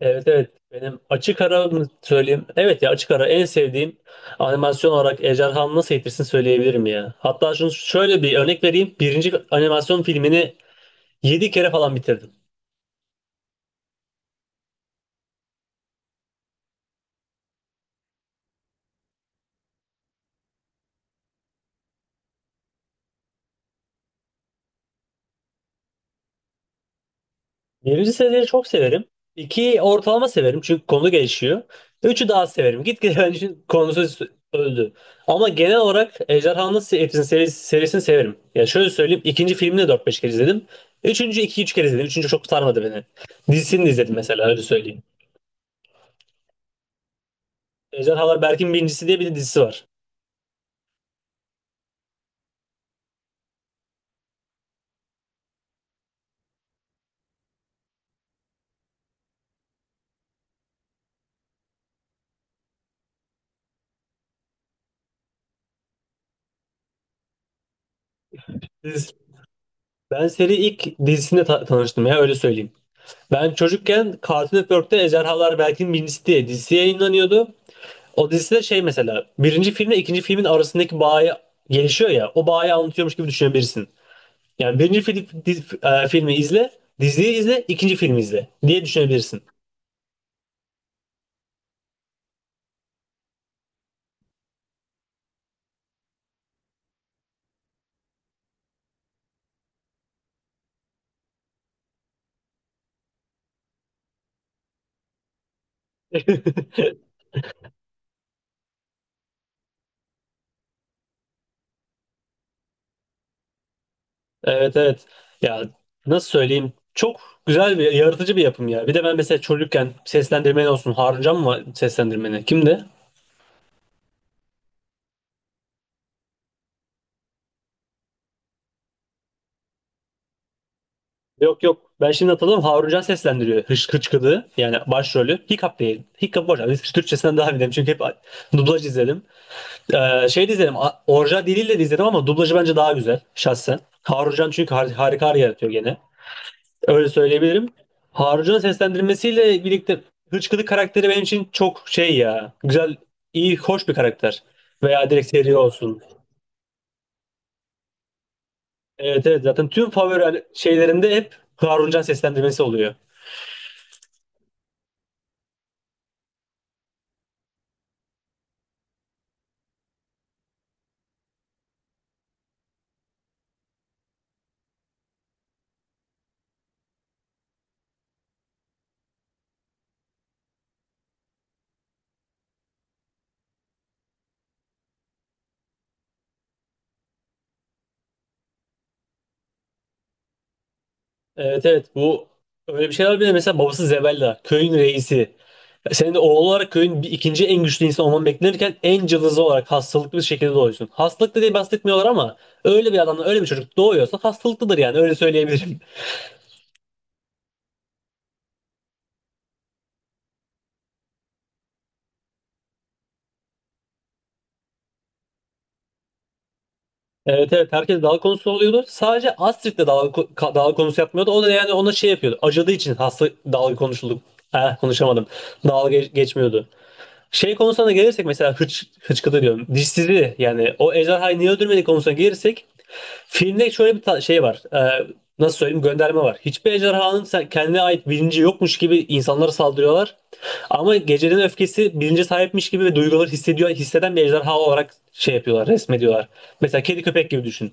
Evet evet benim açık ara mı söyleyeyim? Evet ya açık ara en sevdiğim animasyon olarak Ejderhanı Nasıl Eğitirsin söyleyebilirim ya. Hatta şunu şöyle bir örnek vereyim. Birinci animasyon filmini 7 kere falan bitirdim. Birinci seriyi çok severim. İkiyi ortalama severim çünkü konu gelişiyor. Üçü daha severim. Gitgide benim için konusu öldü. Ama genel olarak Ejderhanı Nasıl Eğitirsin serisi, serisini severim. Ya şöyle söyleyeyim, ikinci filmini de dört beş kere izledim. Üçüncü iki üç kere izledim. Üçüncü çok sarmadı beni. Dizisini de izledim, mesela öyle söyleyeyim. Ejderhalar Berk'in Birincisi diye bir de dizisi var. Dizisi. Ben seri ilk dizisinde tanıştım ya, öyle söyleyeyim. Ben çocukken Cartoon Network'te Ejderhalar Berk'in Birincisi diye dizisi yayınlanıyordu. O dizide şey, mesela birinci filmle ikinci filmin arasındaki bağı gelişiyor ya, o bağı anlatıyormuş gibi düşünebilirsin. Yani birinci fil- diz- e, filmi izle, diziyi izle, ikinci filmi izle diye düşünebilirsin. Evet evet. Ya nasıl söyleyeyim? Çok güzel bir, yaratıcı bir yapım ya. Bir de ben mesela çocukken seslendirmen olsun. Haruncan mı seslendirmeni? Kimdi? Yok yok. Ben şimdi hatırladım. Haruncan seslendiriyor. Hıçkıdığı. Yani başrolü. Hiccup değil. Hiccup boş. Biz Türkçesinden daha bilirim. Çünkü hep dublaj izledim. Şey de izledim. Orijinal diliyle de izledim ama dublajı bence daha güzel. Şahsen. Haruncan çünkü harika yaratıyor gene. Öyle söyleyebilirim. Harun'un seslendirmesiyle birlikte Hıçkırık karakteri benim için çok şey ya. Güzel, iyi, hoş bir karakter. Veya direkt seri olsun. Evet evet, zaten tüm favori şeylerimde hep Haruncan seslendirmesi oluyor. Evet evet, bu öyle bir şeyler bile, mesela babası Zebella köyün reisi. Senin de oğul olarak köyün bir, ikinci en güçlü insan olman beklenirken en cılızı olarak hastalıklı bir şekilde doğuyorsun. Hastalıklı diye bahsetmiyorlar ama öyle bir adamla öyle bir çocuk doğuyorsa hastalıklıdır yani, öyle söyleyebilirim. Evet evet, herkes dalga konusu oluyordu. Sadece Astrid de dalga konusu yapmıyordu. O da yani ona şey yapıyordu. Acıdığı için hasta dalga konuşuldu. Eh, konuşamadım. Geçmiyordu. Şey konusuna da gelirsek, mesela hıçkıdı diyorum. Dişsizi yani o ejderhayı niye öldürmedi konusuna gelirsek, filmde şöyle bir şey var. Nasıl söyleyeyim, gönderme var. Hiçbir ejderhanın kendine ait bilinci yokmuş gibi insanlara saldırıyorlar. Ama gecenin öfkesi bilince sahipmiş gibi ve duyguları hissediyor, hisseden bir ejderha olarak şey yapıyorlar, resmediyorlar. Mesela kedi köpek gibi düşün.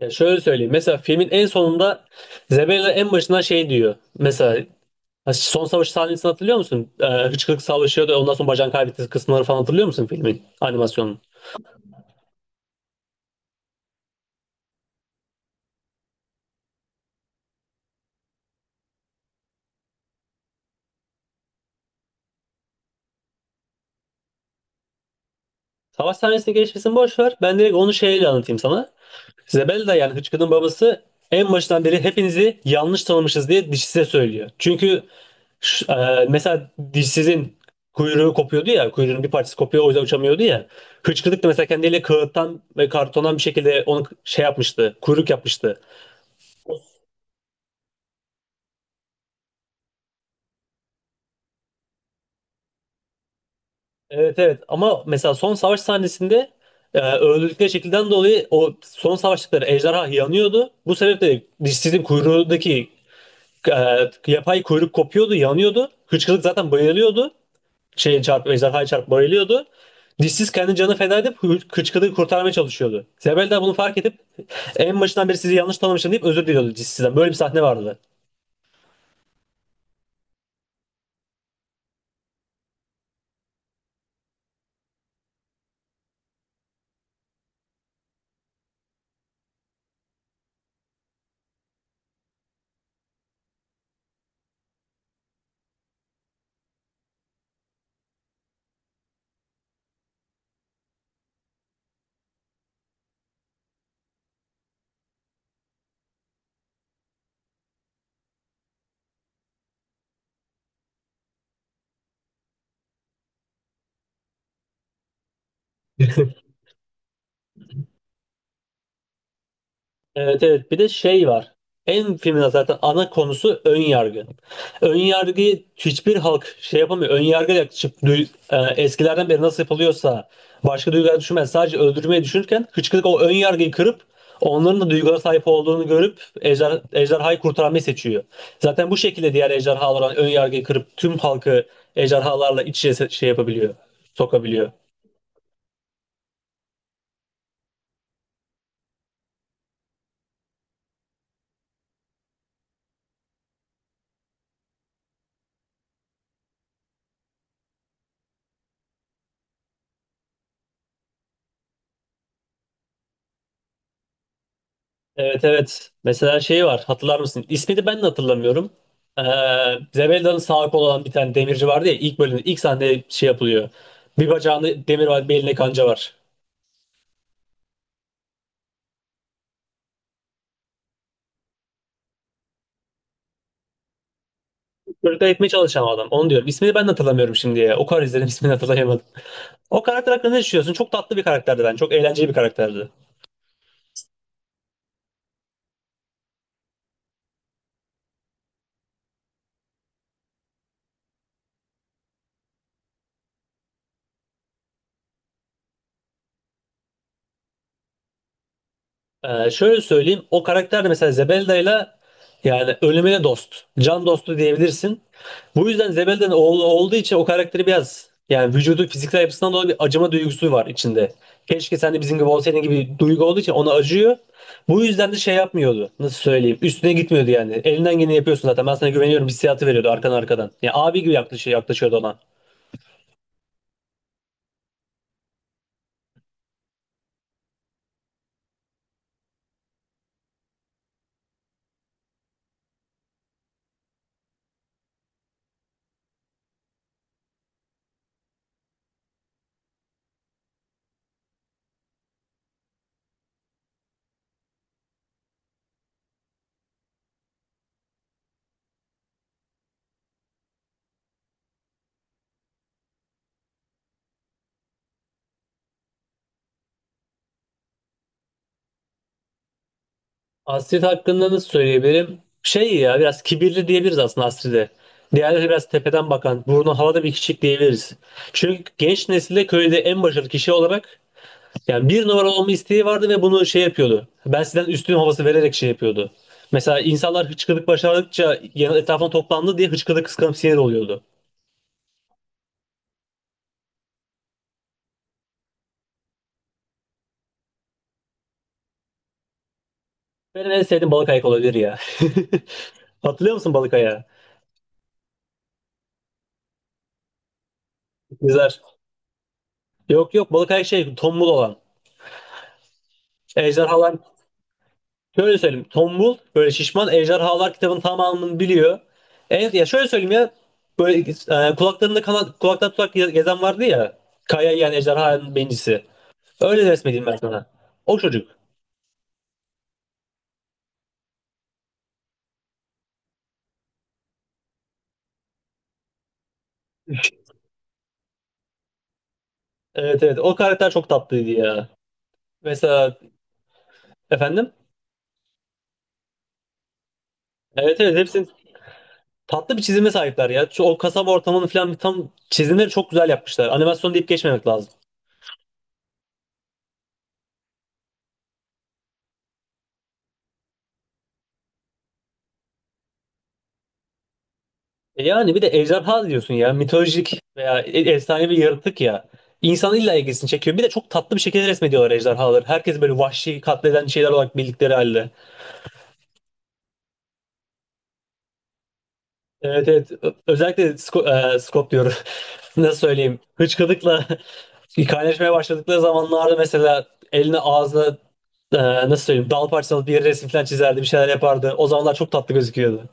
Ya şöyle söyleyeyim. Mesela filmin en sonunda Zebella en başına şey diyor. Mesela, ha, son savaş sahnesini hatırlıyor musun? Hıçkırık savaşıyor da ondan sonra bacağını kaybettiği kısımları falan hatırlıyor musun filmin, animasyonun? Savaş sahnesini geçmesini boş ver. Ben direkt onu şeyle anlatayım sana. Zebelda yani Hıçkırık'ın babası en başından beri hepinizi yanlış tanımışız diye dişsize söylüyor. Çünkü mesela dişsizin kuyruğu kopuyordu ya, kuyruğunun bir parçası kopuyor, o yüzden uçamıyordu ya. Hıçkırık da mesela kendiyle kağıttan ve kartondan bir şekilde onu şey yapmıştı, kuyruk yapmıştı. Evet evet, ama mesela son savaş sahnesinde öldürdükleri şekilden dolayı o son savaştıkları ejderha yanıyordu. Bu sebeple dişsizin kuyruğundaki e, yapay kuyruk kopuyordu, yanıyordu. Hıçkırık zaten bayılıyordu. Ejderhaya çarp bayılıyordu. Dişsiz kendi canını feda edip hıçkırığı kurtarmaya çalışıyordu. Zebel de bunu fark edip en başından beri sizi yanlış tanımışım deyip özür diliyordu dişsizden. Böyle bir sahne vardı. Evet evet, bir de şey var. En filmin zaten ana konusu ön yargı. Ön yargıyı hiçbir halk şey yapamıyor. Ön yargıya yaklaşıp eskilerden beri nasıl yapılıyorsa başka duygular düşünmez. Sadece öldürmeyi düşünürken hıçkırık o ön yargıyı kırıp onların da duygulara sahip olduğunu görüp ejderhayı kurtarmayı seçiyor. Zaten bu şekilde diğer ejderhalar ön yargıyı kırıp tüm halkı ejderhalarla iç içe şey yapabiliyor, sokabiliyor. Evet evet. Mesela şey var, hatırlar mısın? İsmini ben de hatırlamıyorum. Ee, Zebelda'nın sağ kolu olan bir tane demirci vardı ya, ilk bölümde ilk sahnede şey yapılıyor. Bir bacağında demir var, bir elinde kanca var. Çocuklar etmeye çalışan adam. Onu diyorum. İsmini ben de hatırlamıyorum şimdi ya. O kadar izledim, ismini hatırlayamadım. O karakter hakkında ne düşünüyorsun? Çok tatlı bir karakterdi ben. Çok eğlenceli bir karakterdi. Şöyle söyleyeyim. O karakter de mesela Zebelda'yla yani ölümüne dost. Can dostu diyebilirsin. Bu yüzden Zebelda'nın oğlu olduğu için o karakteri biraz yani vücudu, fiziksel yapısından dolayı bir acıma duygusu var içinde. Keşke sen de bizim gibi olsaydın gibi duygu olduğu için ona acıyor. Bu yüzden de şey yapmıyordu. Nasıl söyleyeyim? Üstüne gitmiyordu yani. Elinden geleni yapıyorsun zaten. Ben sana güveniyorum hissiyatı veriyordu arkan, arkadan. Yani abi gibi yaklaşıyordu ona. Astrid hakkında nasıl söyleyebilirim? Şey ya, biraz kibirli diyebiliriz aslında Astrid'e. Diğerleri biraz tepeden bakan, burnu havada bir kişilik diyebiliriz. Çünkü genç nesilde köyde en başarılı kişi olarak yani bir numara olma isteği vardı ve bunu şey yapıyordu. Ben sizden üstün havası vererek şey yapıyordu. Mesela insanlar hıçkırık başardıkça etrafına toplandı diye hıçkırık kıskanıp sinir oluyordu. Benim en sevdiğim balık ayak olabilir ya. Hatırlıyor musun balık ayağı? Güzel. Yok yok, balık ayak şey, tombul olan. Ejderhalar. Şöyle söyleyeyim. Tombul böyle şişman, ejderhalar kitabın tamamını biliyor. Ya şöyle söyleyeyim ya, böyle kulaklarında kanat, kulaktan tutak gezen vardı ya. Kaya yiyen ejderhanın bencisi. Öyle resmedeyim ben sana. O çocuk. Evet evet, o karakter çok tatlıydı ya. Mesela efendim. Evet evet, hepsinin tatlı bir çizime sahipler ya. O kasaba ortamını falan, tam çizimleri çok güzel yapmışlar. Animasyon deyip geçmemek lazım. E yani bir de ejderha diyorsun ya. Mitolojik veya efsane bir yaratık ya. İnsanın illa ilgisini çekiyor. Bir de çok tatlı bir şekilde resmediyorlar ejderhaları. Herkes böyle vahşi katleden şeyler olarak bildikleri halde. Evet evet. Özellikle Scott diyorum. Nasıl söyleyeyim? Hıçkırıkla kaynaşmaya başladıkları zamanlarda mesela eline, ağzına, nasıl söyleyeyim, dal parçalı bir yere resim falan çizerdi. Bir şeyler yapardı. O zamanlar çok tatlı gözüküyordu.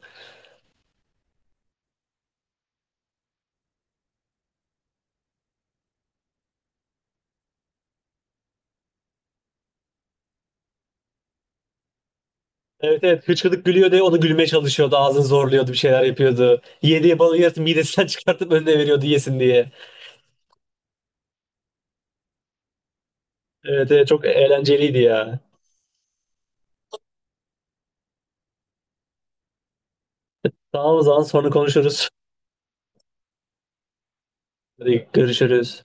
Evet evet, hıçkıdık gülüyordu ya, onu gülmeye çalışıyordu, ağzını zorluyordu, bir şeyler yapıyordu. Yediği balığı yarısı midesinden çıkartıp önüne veriyordu yesin diye. Evet evet, çok eğlenceliydi ya. Tamam, o zaman sonra konuşuruz. Hadi görüşürüz.